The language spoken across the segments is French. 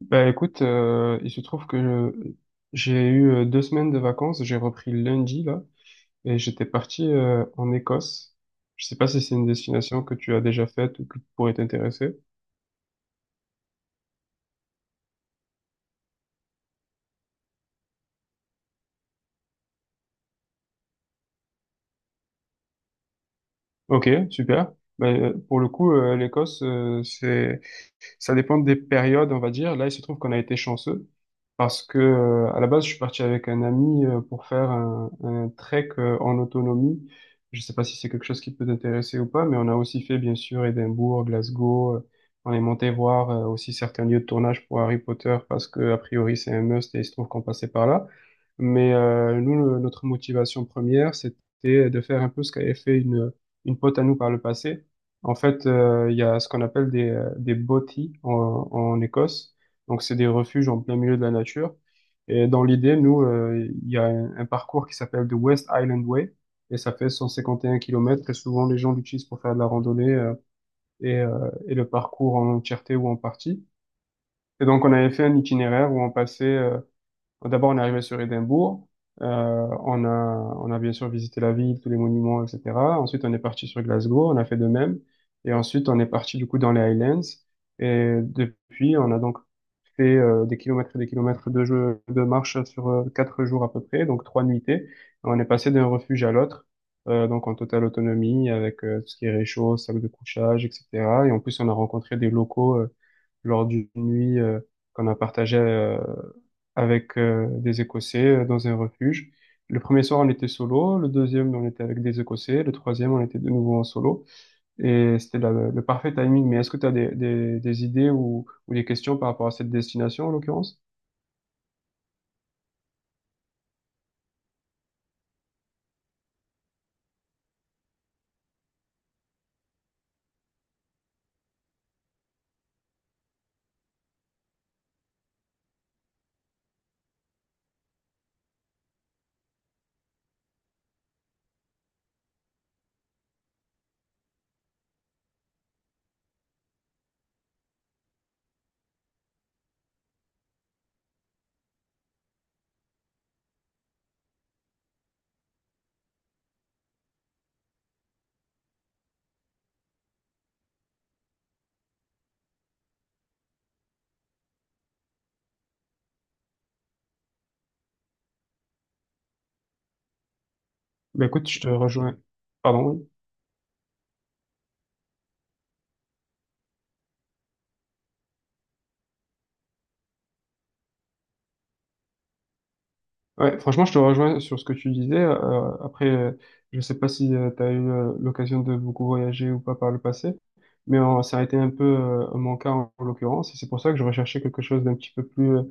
Bah écoute, il se trouve que j'ai eu deux semaines de vacances, j'ai repris lundi là, et j'étais parti en Écosse. Je sais pas si c'est une destination que tu as déjà faite ou qui pourrait t'intéresser. Ok, super. Ben pour le coup, l'Écosse, c'est, ça dépend des périodes, on va dire. Là, il se trouve qu'on a été chanceux, parce que, à la base, je suis parti avec un ami pour faire un trek en autonomie. Je ne sais pas si c'est quelque chose qui peut t'intéresser ou pas, mais on a aussi fait, bien sûr, Édimbourg, Glasgow. On est monté voir aussi certains lieux de tournage pour Harry Potter parce que, a priori, c'est un must et il se trouve qu'on passait par là. Mais nous, notre motivation première, c'était de faire un peu ce qu'avait fait une pote à nous par le passé. En fait, il y a ce qu'on appelle des botties en Écosse. Donc, c'est des refuges en plein milieu de la nature. Et dans l'idée, nous, il y a un parcours qui s'appelle The West Island Way. Et ça fait 151 kilomètres. Et souvent, les gens l'utilisent pour faire de la randonnée et le parcours en entièreté ou en partie. Et donc, on avait fait un itinéraire où on passait, d'abord, on est arrivé sur Édimbourg. Euh, on a, on a bien sûr visité la ville, tous les monuments, etc. Ensuite, on est parti sur Glasgow, on a fait de même. Et ensuite, on est parti du coup dans les Highlands. Et depuis, on a donc fait des kilomètres et des kilomètres de jeu, de marche sur quatre jours à peu près, donc trois nuitées. Et on est passé d'un refuge à l'autre, donc en totale autonomie, avec tout ce qui est réchaud, sac de couchage, etc. Et en plus, on a rencontré des locaux lors d'une nuit qu'on a partagée avec des Écossais dans un refuge. Le premier soir, on était solo. Le deuxième, on était avec des Écossais. Le troisième, on était de nouveau en solo. Et c'était le parfait timing. Mais est-ce que tu as des idées ou des questions par rapport à cette destination, en l'occurrence? Ben écoute, je te rejoins. Pardon. Oui. Ouais, franchement, je te rejoins sur ce que tu disais. Je sais pas si tu as eu l'occasion de beaucoup voyager ou pas par le passé, mais ça a été un peu mon cas en l'occurrence, et c'est pour ça que je recherchais quelque chose d'un petit peu plus euh,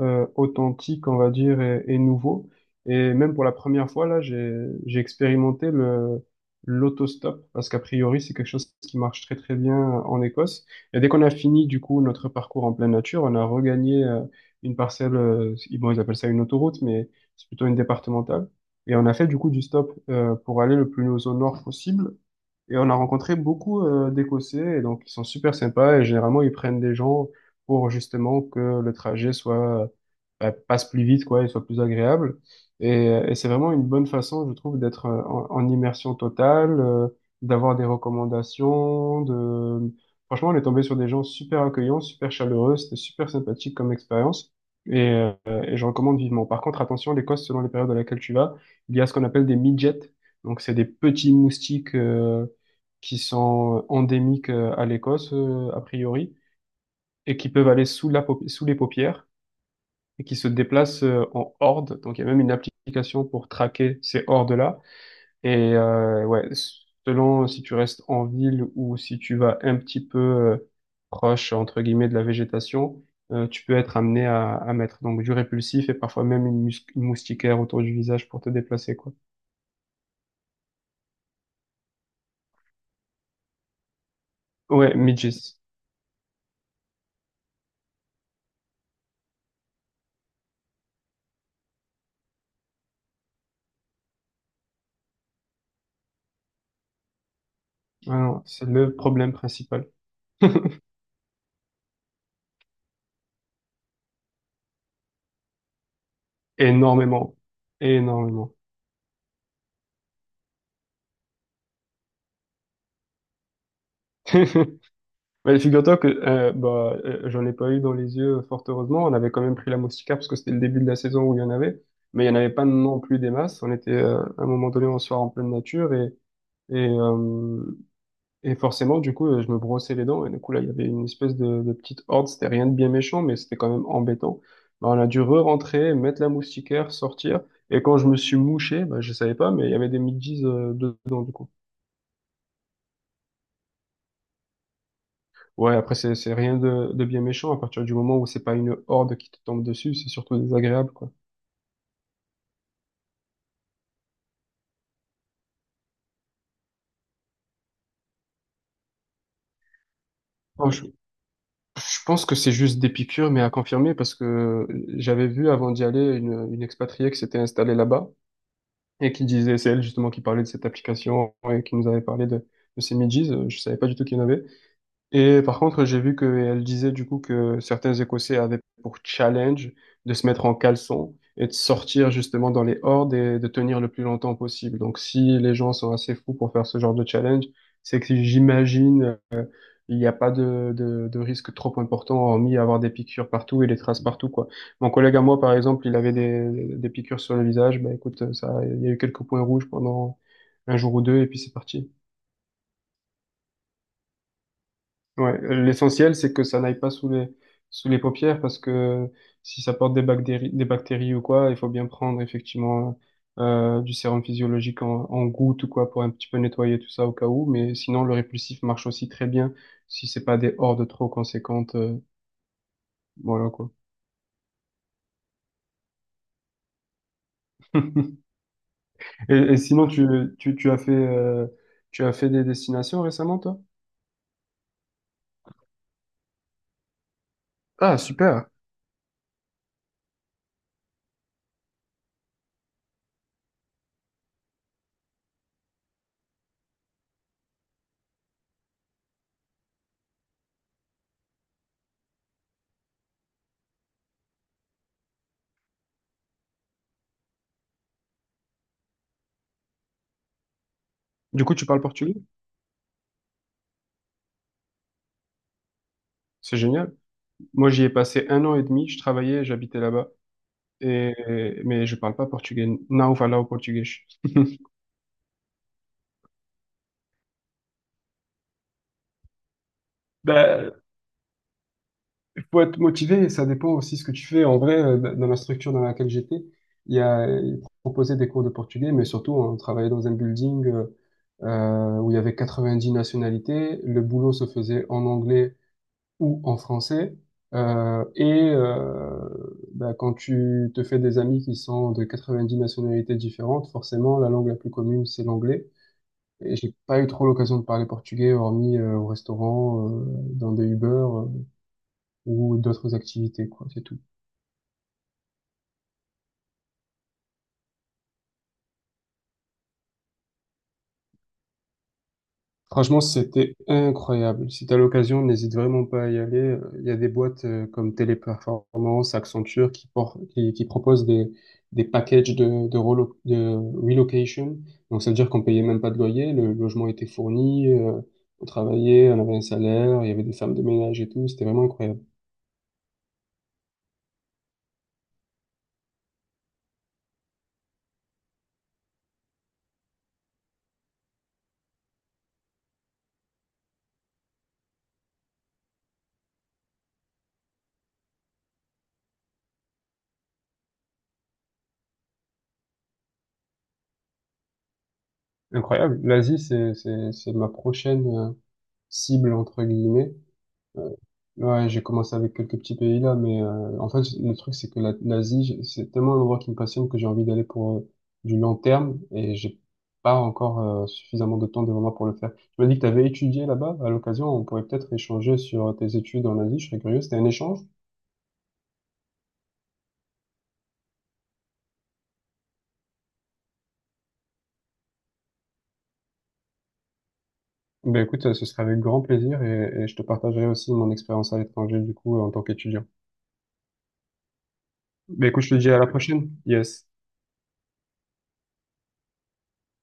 euh, authentique, on va dire, et nouveau. Et même pour la première fois, là, j'ai expérimenté l'autostop, parce qu'a priori, c'est quelque chose qui marche très très bien en Écosse. Et dès qu'on a fini, du coup, notre parcours en pleine nature, on a regagné une parcelle, bon, ils appellent ça une autoroute, mais c'est plutôt une départementale. Et on a fait du coup du stop pour aller le plus au nord possible. Et on a rencontré beaucoup d'Écossais, et donc ils sont super sympas, et généralement ils prennent des gens pour justement que le trajet soit, bah, passe plus vite, quoi, et soit plus agréable. Et c'est vraiment une bonne façon, je trouve, d'être en immersion totale, d'avoir des recommandations, de... Franchement, on est tombé sur des gens super accueillants, super chaleureux, c'était super sympathique comme expérience. Et, euh, et je recommande vivement. Par contre, attention, l'Écosse, selon les périodes à laquelle tu vas, il y a ce qu'on appelle des midgets. Donc, c'est des petits moustiques qui sont endémiques à l'Écosse, a priori, et qui peuvent aller sous sous les paupières et qui se déplacent en horde. Donc il y a même une application pour traquer ces hordes-là. Ouais, selon si tu restes en ville ou si tu vas un petit peu proche, entre guillemets, de la végétation, tu peux être amené à mettre donc du répulsif et parfois même une moustiquaire autour du visage pour te déplacer, quoi. Ouais, midges. Ah non, c'est le problème principal. Énormément. Énormément. Mais figure-toi que j'en ai pas eu dans les yeux, fort heureusement. On avait quand même pris la moustiquaire parce que c'était le début de la saison où il y en avait. Mais il n'y en avait pas non plus des masses. On était à un moment donné, on soir en pleine nature et, euh, et forcément, du coup, je me brossais les dents. Et du coup, là, il y avait une espèce de petite horde. C'était rien de bien méchant, mais c'était quand même embêtant. Bah, on a dû re-rentrer, mettre la moustiquaire, sortir. Et quand je me suis mouché, bah, je savais pas, mais il y avait des midges dedans, du coup. Ouais, après, c'est rien de bien méchant. À partir du moment où c'est pas une horde qui te tombe dessus, c'est surtout désagréable, quoi. Bon, je pense que c'est juste des piqûres, mais à confirmer, parce que j'avais vu avant d'y aller une expatriée qui s'était installée là-bas et qui disait, c'est elle justement qui parlait de cette application et qui nous avait parlé de ces midges. Je savais pas du tout qu'il y en avait. Et par contre, j'ai vu qu'elle disait du coup que certains Écossais avaient pour challenge de se mettre en caleçon et de sortir justement dans les hordes et de tenir le plus longtemps possible. Donc si les gens sont assez fous pour faire ce genre de challenge, c'est que j'imagine il n'y a pas de risque trop important hormis avoir des piqûres partout et des traces partout, quoi. Mon collègue à moi par exemple, il avait des piqûres sur le visage. Bah écoute, ça, il y a eu quelques points rouges pendant un jour ou deux et puis c'est parti. Ouais, l'essentiel, c'est que ça n'aille pas sous les, sous les paupières parce que si ça porte des bactéries ou quoi, il faut bien prendre effectivement du sérum physiologique en gouttes ou quoi pour un petit peu nettoyer tout ça au cas où. Mais sinon, le répulsif marche aussi très bien si c'est pas des hordes trop conséquentes. Voilà quoi. Et sinon, tu, tu as fait, euh, tu as fait des destinations récemment, toi? Ah, super. Du coup, tu parles portugais? C'est génial. Moi, j'y ai passé un an et demi. Je travaillais, et j'habitais là-bas. Et, mais je parle pas portugais. Não falo português. Ben, il faut être motivé, ça dépend aussi ce que tu fais. En vrai, dans la structure dans laquelle j'étais, il y a ils proposaient des cours de portugais, mais surtout, on travaillait dans un building où il y avait 90 nationalités. Le boulot se faisait en anglais ou en français. Euh, et euh, ben, quand tu te fais des amis qui sont de 90 nationalités différentes, forcément, la langue la plus commune, c'est l'anglais. Et j'ai pas eu trop l'occasion de parler portugais, hormis au restaurant, dans des Uber ou d'autres activités, quoi, c'est tout. Franchement, c'était incroyable. Si t'as l'occasion, n'hésite vraiment pas à y aller. Il y a des boîtes comme Téléperformance, Accenture qui, qui proposent des packages de relocation. Donc, ça veut dire qu'on payait même pas de loyer, le logement était fourni, on travaillait, on avait un salaire, il y avait des femmes de ménage et tout. C'était vraiment incroyable. Incroyable. L'Asie, c'est ma prochaine cible entre guillemets. Euh, ouais, j'ai commencé avec quelques petits pays là, mais en fait le truc c'est que l'Asie, j'ai- c'est tellement un endroit qui me passionne que j'ai envie d'aller pour du long terme et j'ai pas encore suffisamment de temps devant moi pour le faire. Tu m'as dit que tu avais étudié là-bas. À l'occasion, on pourrait peut-être échanger sur tes études en Asie. Je serais curieux. C'était un échange? Ben écoute, ce serait avec grand plaisir et je te partagerai aussi mon expérience à l'étranger du coup en tant qu'étudiant. Ben écoute, je te dis à la prochaine. Yes.